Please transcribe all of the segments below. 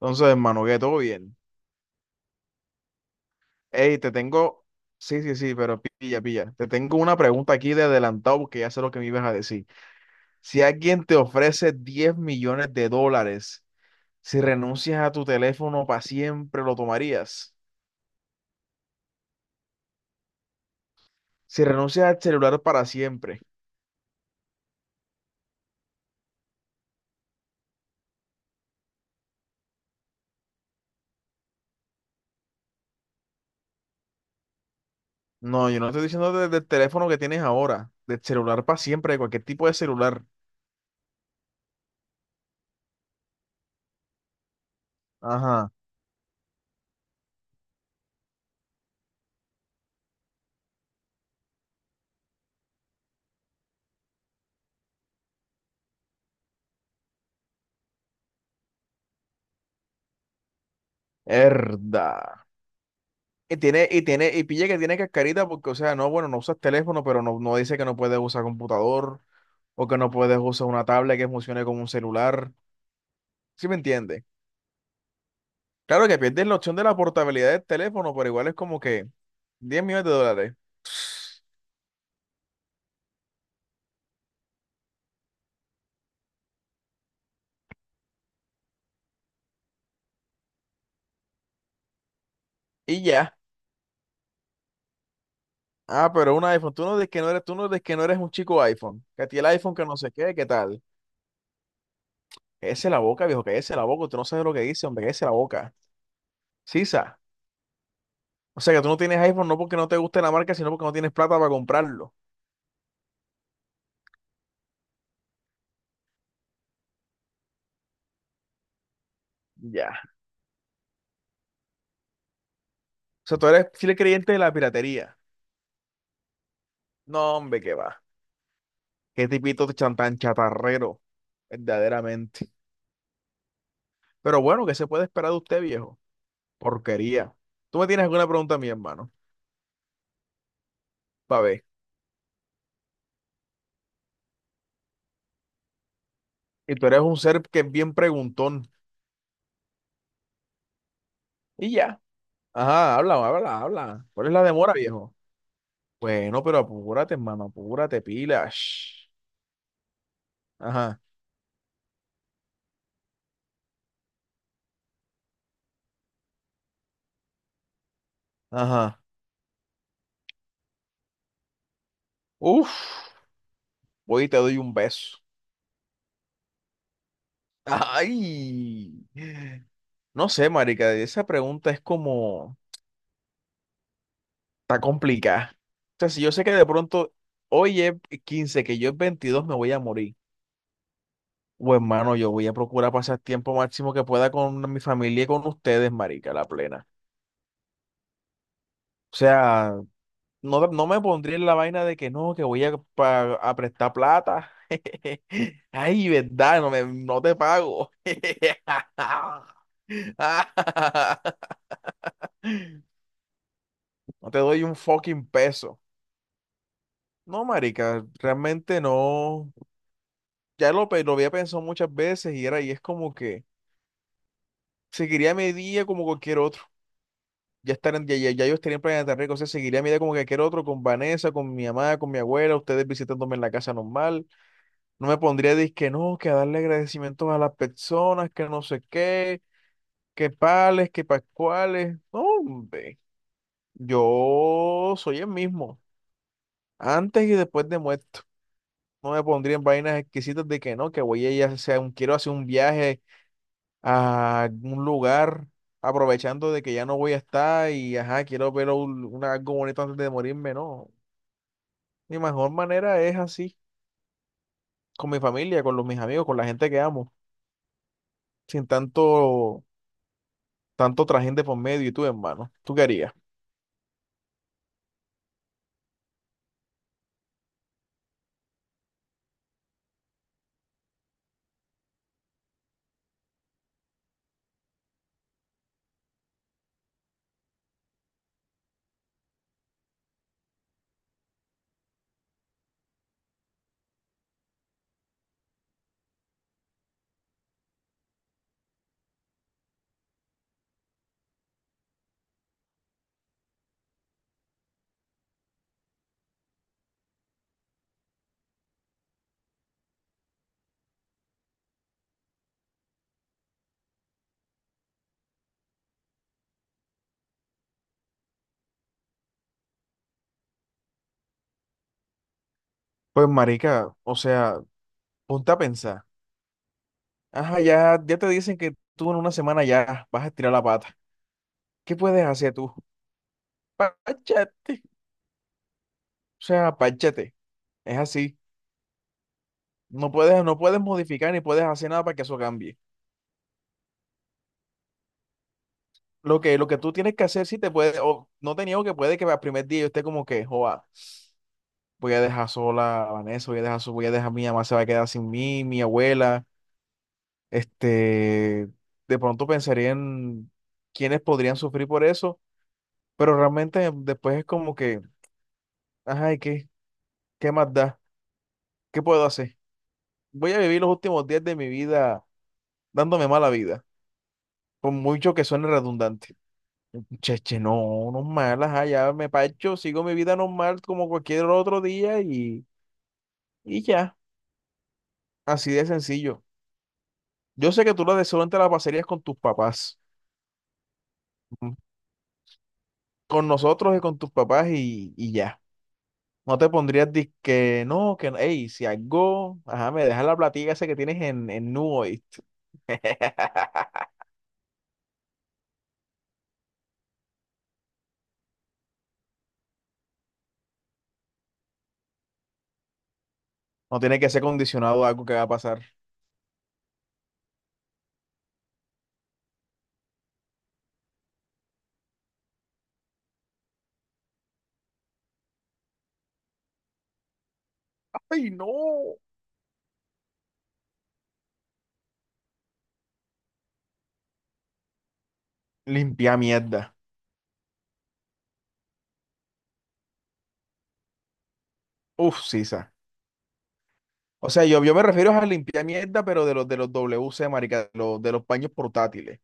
Entonces, hermano, que todo bien. Ey, te tengo. Sí, sí, sí, pero pilla, pilla. Te tengo una pregunta aquí de adelantado porque ya sé lo que me ibas a decir. Si alguien te ofrece 10 millones de dólares, si renuncias a tu teléfono para siempre, ¿lo tomarías? Si renuncias al celular para siempre. No, yo no estoy diciendo del teléfono que tienes ahora, del celular para siempre, de cualquier tipo de celular. Ajá, herda. Y pilla que tiene cascarita porque, o sea, no, bueno, no usas teléfono, pero no, no dice que no puedes usar computador o que no puedes usar una tablet que funcione como un celular. ¿Sí me entiende? Claro que pierdes la opción de la portabilidad del teléfono, pero igual es como que 10 millones de dólares. Y ya. Ah, pero un iPhone. Tú no dices que no eres un chico iPhone. Que a ti el iPhone que no sé qué, qué tal. Ese la boca, viejo, que ese la boca. Tú no sabes lo que dice, hombre, que ese la boca. Sisa. O sea que tú no tienes iPhone no porque no te guste la marca, sino porque no tienes plata para comprarlo. Ya. O sea, tú eres fiel creyente de la piratería. No, hombre, qué va. Qué tipito tan chatarrero, verdaderamente. Pero bueno, ¿qué se puede esperar de usted, viejo? Porquería. Tú me tienes alguna pregunta a mí, hermano. Pa' ver. Y tú eres un ser que es bien preguntón. Y ya. Ajá, habla, habla, habla. ¿Cuál es la demora, viejo? Bueno, pero apúrate, hermano, apúrate, pilas. Ajá, ajá. Uf, voy y te doy un beso. Ay. No sé, marica, esa pregunta es como... Está complicada. O sea, si yo sé que de pronto hoy es 15, que yo es 22 me voy a morir. O hermano, yo voy a procurar pasar tiempo máximo que pueda con mi familia y con ustedes, marica, la plena. O sea, no, no me pondría en la vaina de que no, que voy a, a prestar plata. Ay, verdad, no, no te pago. No te doy un fucking peso. No, marica, realmente no. Lo había pensado muchas veces y era, y es como que seguiría mi día como cualquier otro. Ya yo estaría en Planeta Rica, o sea, seguiría mi día como cualquier otro, con Vanessa, con mi mamá, con mi abuela, ustedes visitándome en la casa normal. No me pondría a decir que no, que a darle agradecimientos a las personas, que no sé qué, que pales, que pascuales. No, hombre, yo soy el mismo, antes y después de muerto. No me pondría en vainas exquisitas de que no, que voy a ir a hacer quiero hacer un viaje a un lugar aprovechando de que ya no voy a estar y ajá, quiero ver algo bonito antes de morirme, no. Mi mejor manera es así, con mi familia, con mis amigos, con la gente que amo, sin tanto, tanto trajín de por medio y tú, hermano. ¿Tú qué harías? Pues marica, o sea, ponte a pensar. Ajá, ya, ya te dicen que tú en una semana ya vas a estirar la pata. ¿Qué puedes hacer tú? Páchate. O sea, páchate. Es así. No puedes, no puedes modificar ni puedes hacer nada para que eso cambie. Lo que tú tienes que hacer, si te puede, o no te niego que puede que al primer día yo esté como que, joa, voy a dejar sola a Vanessa, voy a dejar, mi mamá se va a quedar sin mí, mi abuela, este, de pronto pensaría en quiénes podrían sufrir por eso, pero realmente después es como que, ajá, ¿y qué? ¿Qué más da? ¿Qué puedo hacer? Voy a vivir los últimos días de mi vida dándome mala vida, por mucho que suene redundante. Cheche, no, normal, ajá, ya me parcho, sigo mi vida normal como cualquier otro día y ya, así de sencillo. Yo sé que tú lo de seguro te la pasarías con tus papás. Ujú. Con nosotros y con tus papás y ya. No te pondrías que no, ey, si algo, ajá, me dejas la platica esa que tienes en Nu, ¿oíste? No tiene que ser condicionado a algo que va a pasar. ¡Ay, no! Limpia mierda. Uf, sisa. O sea, yo me refiero a limpiar mierda, pero de los WC, marica, de los paños portátiles.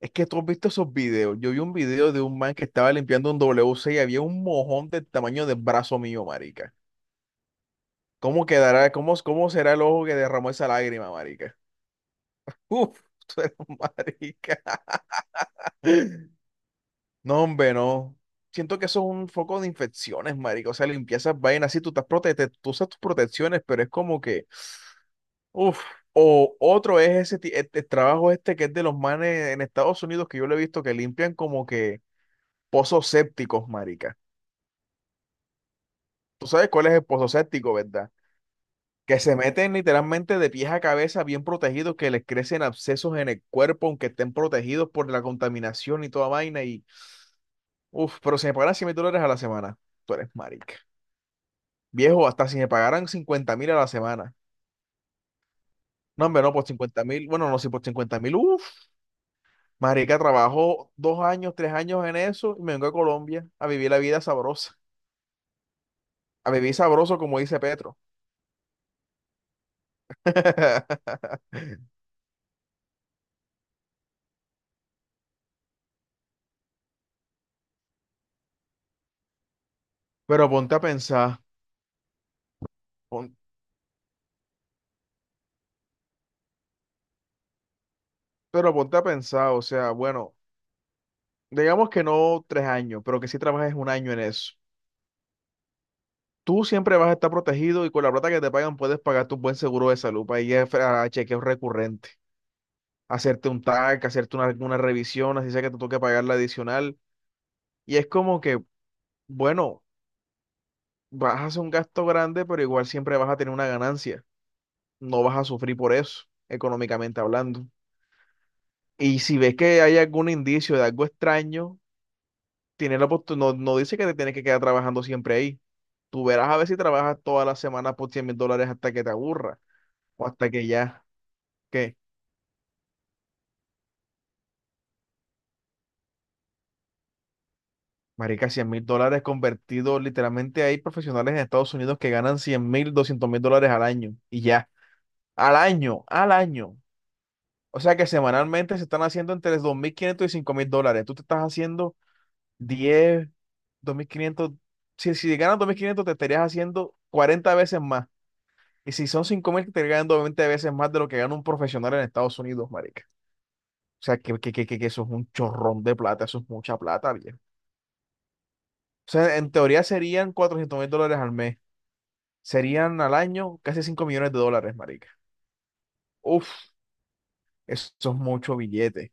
Es que tú has visto esos videos. Yo vi un video de un man que estaba limpiando un WC y había un mojón del tamaño del brazo mío, marica. ¿Cómo quedará? ¿Cómo será el ojo que derramó esa lágrima, marica? Uf, tú eres un marica. No, hombre, no. Siento que eso es un foco de infecciones, marica. O sea, limpiar esas vainas. Sí, tú estás tú usas tus protecciones, pero es como que, uf. O otro es ese este trabajo este que es de los manes en Estados Unidos que yo lo he visto que limpian como que pozos sépticos, marica. Tú sabes cuál es el pozo séptico, ¿verdad? Que se meten literalmente de pies a cabeza bien protegidos, que les crecen abscesos en el cuerpo, aunque estén protegidos por la contaminación y toda vaina. Y, uff, pero si me pagaran 100.000 dólares a la semana, tú eres marica. Viejo, hasta si me pagaran 50.000 a la semana. No, hombre, no, por 50.000, bueno, no, si por 50.000, uff, marica, trabajo 2 años, 3 años en eso y me vengo a Colombia a vivir la vida sabrosa. A vivir sabroso, como dice Petro. Pero ponte a pensar, pon- Pero ponte a pensar, o sea, bueno, digamos que no 3 años, pero que sí trabajes 1 año en eso. Tú siempre vas a estar protegido y con la plata que te pagan puedes pagar tu buen seguro de salud para ir a chequeos recurrentes, hacerte un TAC, hacerte una revisión, así sea que te toque pagar la adicional. Y es como que, bueno, vas a hacer un gasto grande, pero igual siempre vas a tener una ganancia. No vas a sufrir por eso, económicamente hablando. Y si ves que hay algún indicio de algo extraño, no, no dice que te tienes que quedar trabajando siempre ahí. Tú verás a ver si trabajas todas las semanas por 100.000 dólares hasta que te aburra o hasta que ya, ¿qué? Marica, 100.000 dólares convertidos, literalmente hay profesionales en Estados Unidos que ganan 100.000, 200.000 dólares al año y ya, al año. O sea que semanalmente se están haciendo entre 2.500 y 5.000 dólares. Tú te estás haciendo diez dos mil quinientos si, si ganas 2.500 te estarías haciendo 40 veces más. Y si son 5.000, te ganan 20 veces más de lo que gana un profesional en Estados Unidos, marica. O sea, que eso es un chorrón de plata, eso es mucha plata, viejo. O sea, en teoría serían 400.000 dólares al mes. Serían al año casi 5 millones de dólares, marica. Uf, eso es mucho billete.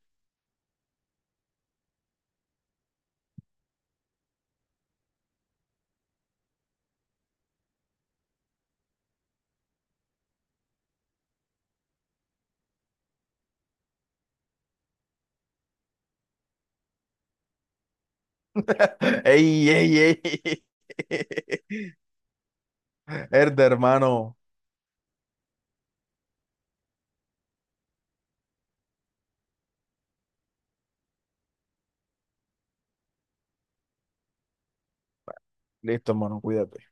Ey, ey, ey. Erde, hermano. Listo, hermano, cuídate.